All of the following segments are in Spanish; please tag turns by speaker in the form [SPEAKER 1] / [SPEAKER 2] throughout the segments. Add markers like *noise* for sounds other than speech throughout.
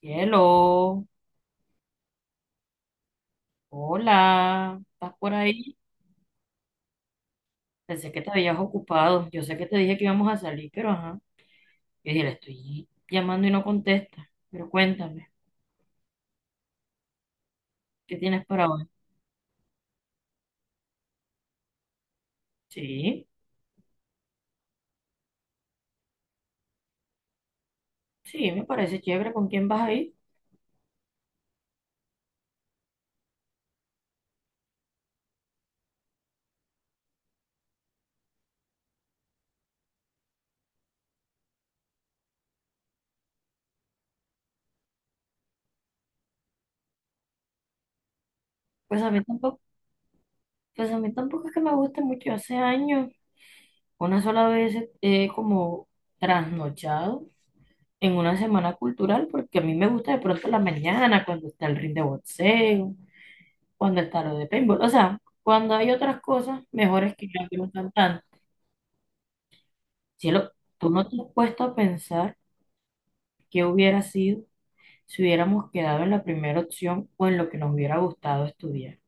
[SPEAKER 1] Cielo, hola, ¿estás por ahí? Pensé que te habías ocupado. Yo sé que te dije que íbamos a salir, pero ajá. Yo dije, le estoy llamando y no contesta. Pero cuéntame, ¿qué tienes para hoy? Sí, sí, me parece chévere. ¿Con quién vas a ir? Pues a mí tampoco, pues a mí tampoco es que me guste mucho. Hace años, una sola vez como trasnochado en una semana cultural, porque a mí me gusta de pronto la mañana cuando está el ring de boxeo. O en el tarot de paintball. O sea, cuando hay otras cosas mejores que ya que no están tan. Cielo, tú no te has puesto a pensar qué hubiera sido si hubiéramos quedado en la primera opción o en lo que nos hubiera gustado estudiar.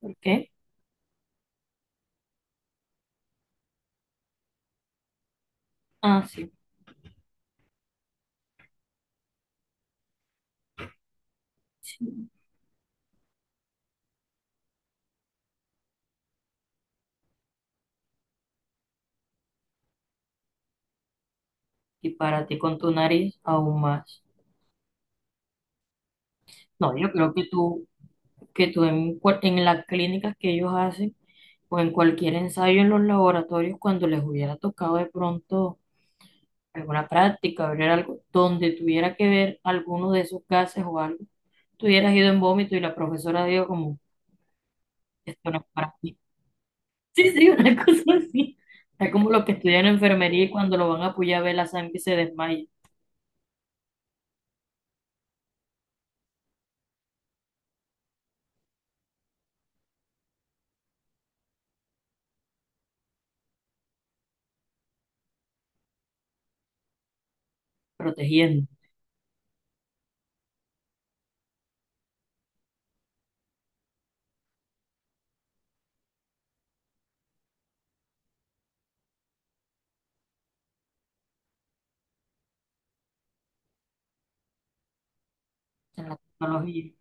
[SPEAKER 1] ¿Por qué? Ah, sí. Sí. Y para ti con tu nariz aún más. No, yo creo que tú en las clínicas que ellos hacen o en cualquier ensayo en los laboratorios, cuando les hubiera tocado de pronto alguna práctica, abrir algo, donde tuviera que ver alguno de esos gases o algo, tú hubieras ido en vómito y la profesora dijo como, esto no es para ti. Sí, sí, *laughs* una cosa así. Está como los que estudian enfermería y cuando lo van a apoyar ve la sangre y se desmaya, protegiendo en la tecnología.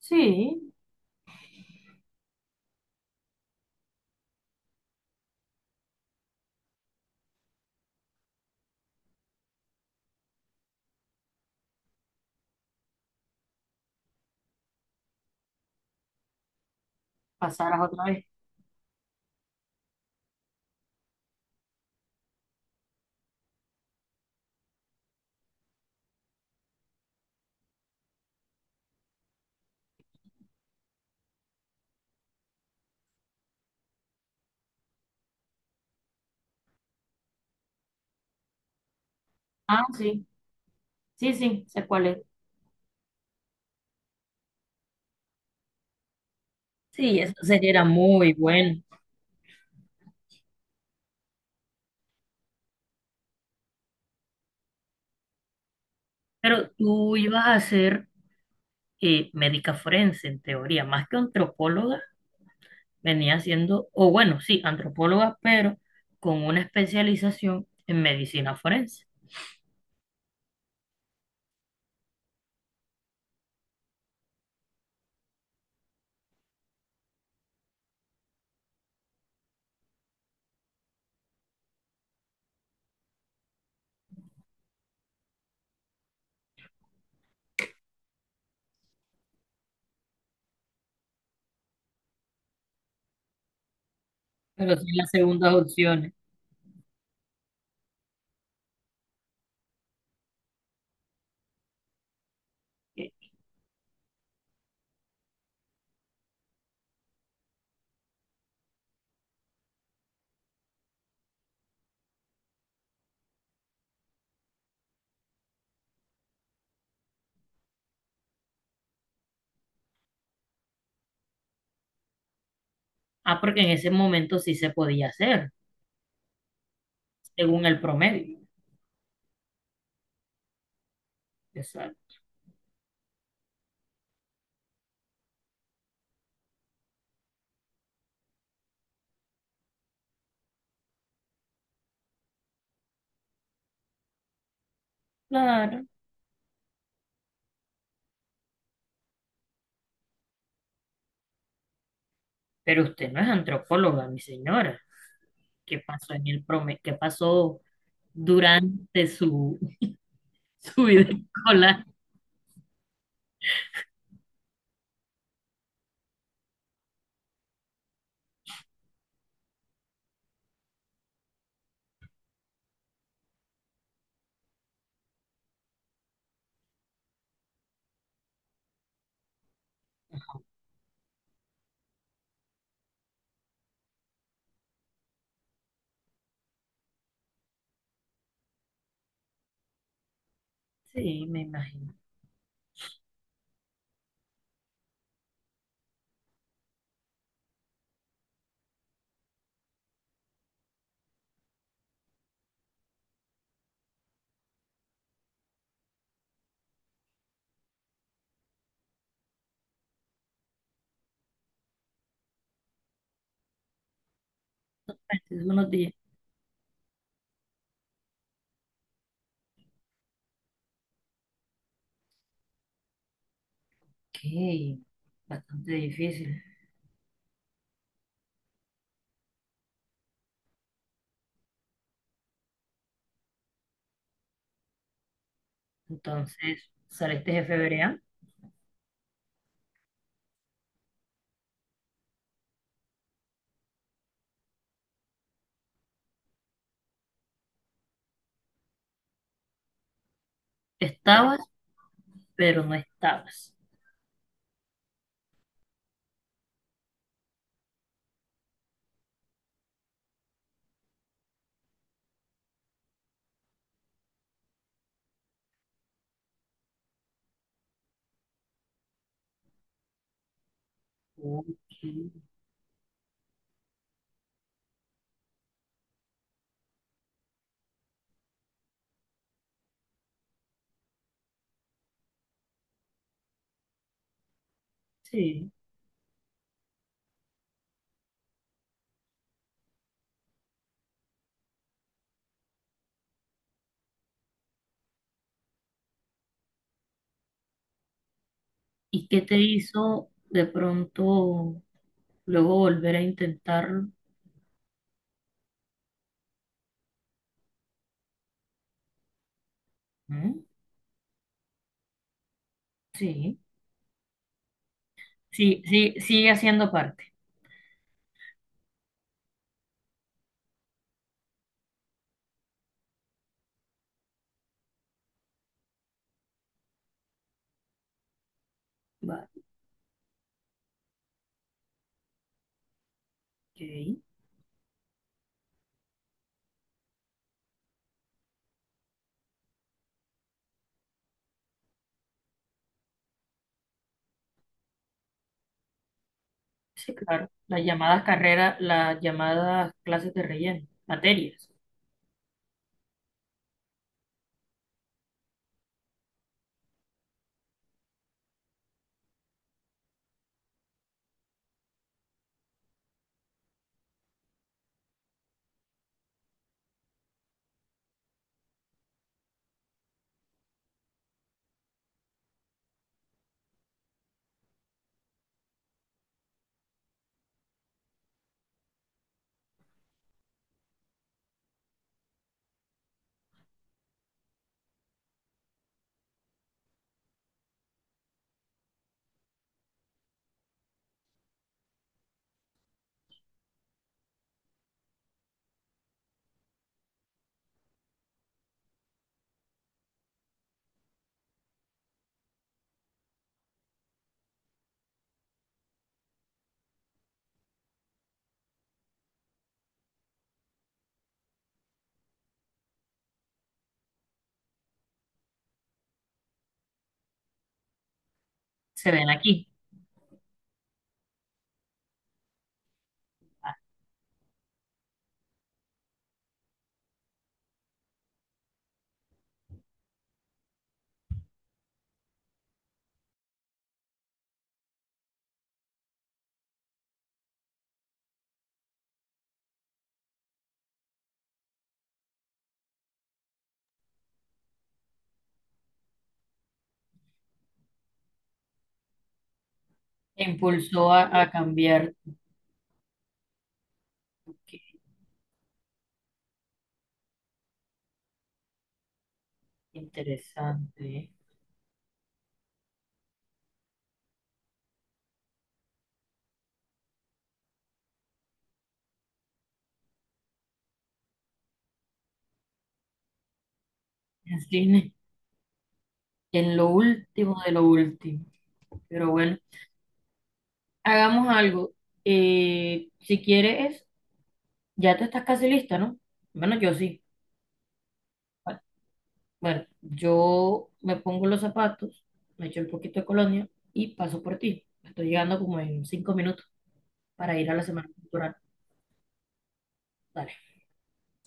[SPEAKER 1] Sí, pasarás otra vez. Ah, sí, sí, sí, sé cuál es. Sí, eso sería era muy bueno. Pero tú ibas a ser médica forense, en teoría, más que antropóloga, venía siendo, o bueno, sí, antropóloga, pero con una especialización en medicina forense. Pero sí las segundas opciones. Eh, Ah, porque en ese momento sí se podía hacer, según el promedio. Exacto. Claro. Pero usted no es antropóloga, mi señora. ¿Qué pasó en el promedio? ¿Qué pasó durante su, *laughs* su vida escolar? Sí, me imagino. Entonces, unos días. Ok, bastante difícil. Entonces, saliste de febrero. Estaba pero no estabas. Ok. Sí. ¿Y qué te hizo de pronto luego volver a intentarlo? ¿Mm? Sí, sí, sí, sigue haciendo parte. Vale, ok. Sí, claro. Las llamadas carreras, las llamadas clases de relleno, materias, se ven aquí. Ah, te Impulsó a cambiar. Ok, interesante. ¿Eh? En cine, en lo último de lo último. Pero bueno. Hagamos algo. Si quieres, ya te estás casi lista, ¿no? Bueno, yo sí. Bueno, bueno, yo me pongo los zapatos, me echo un poquito de colonia y paso por ti. Estoy llegando como en 5 minutos para ir a la semana cultural. Dale.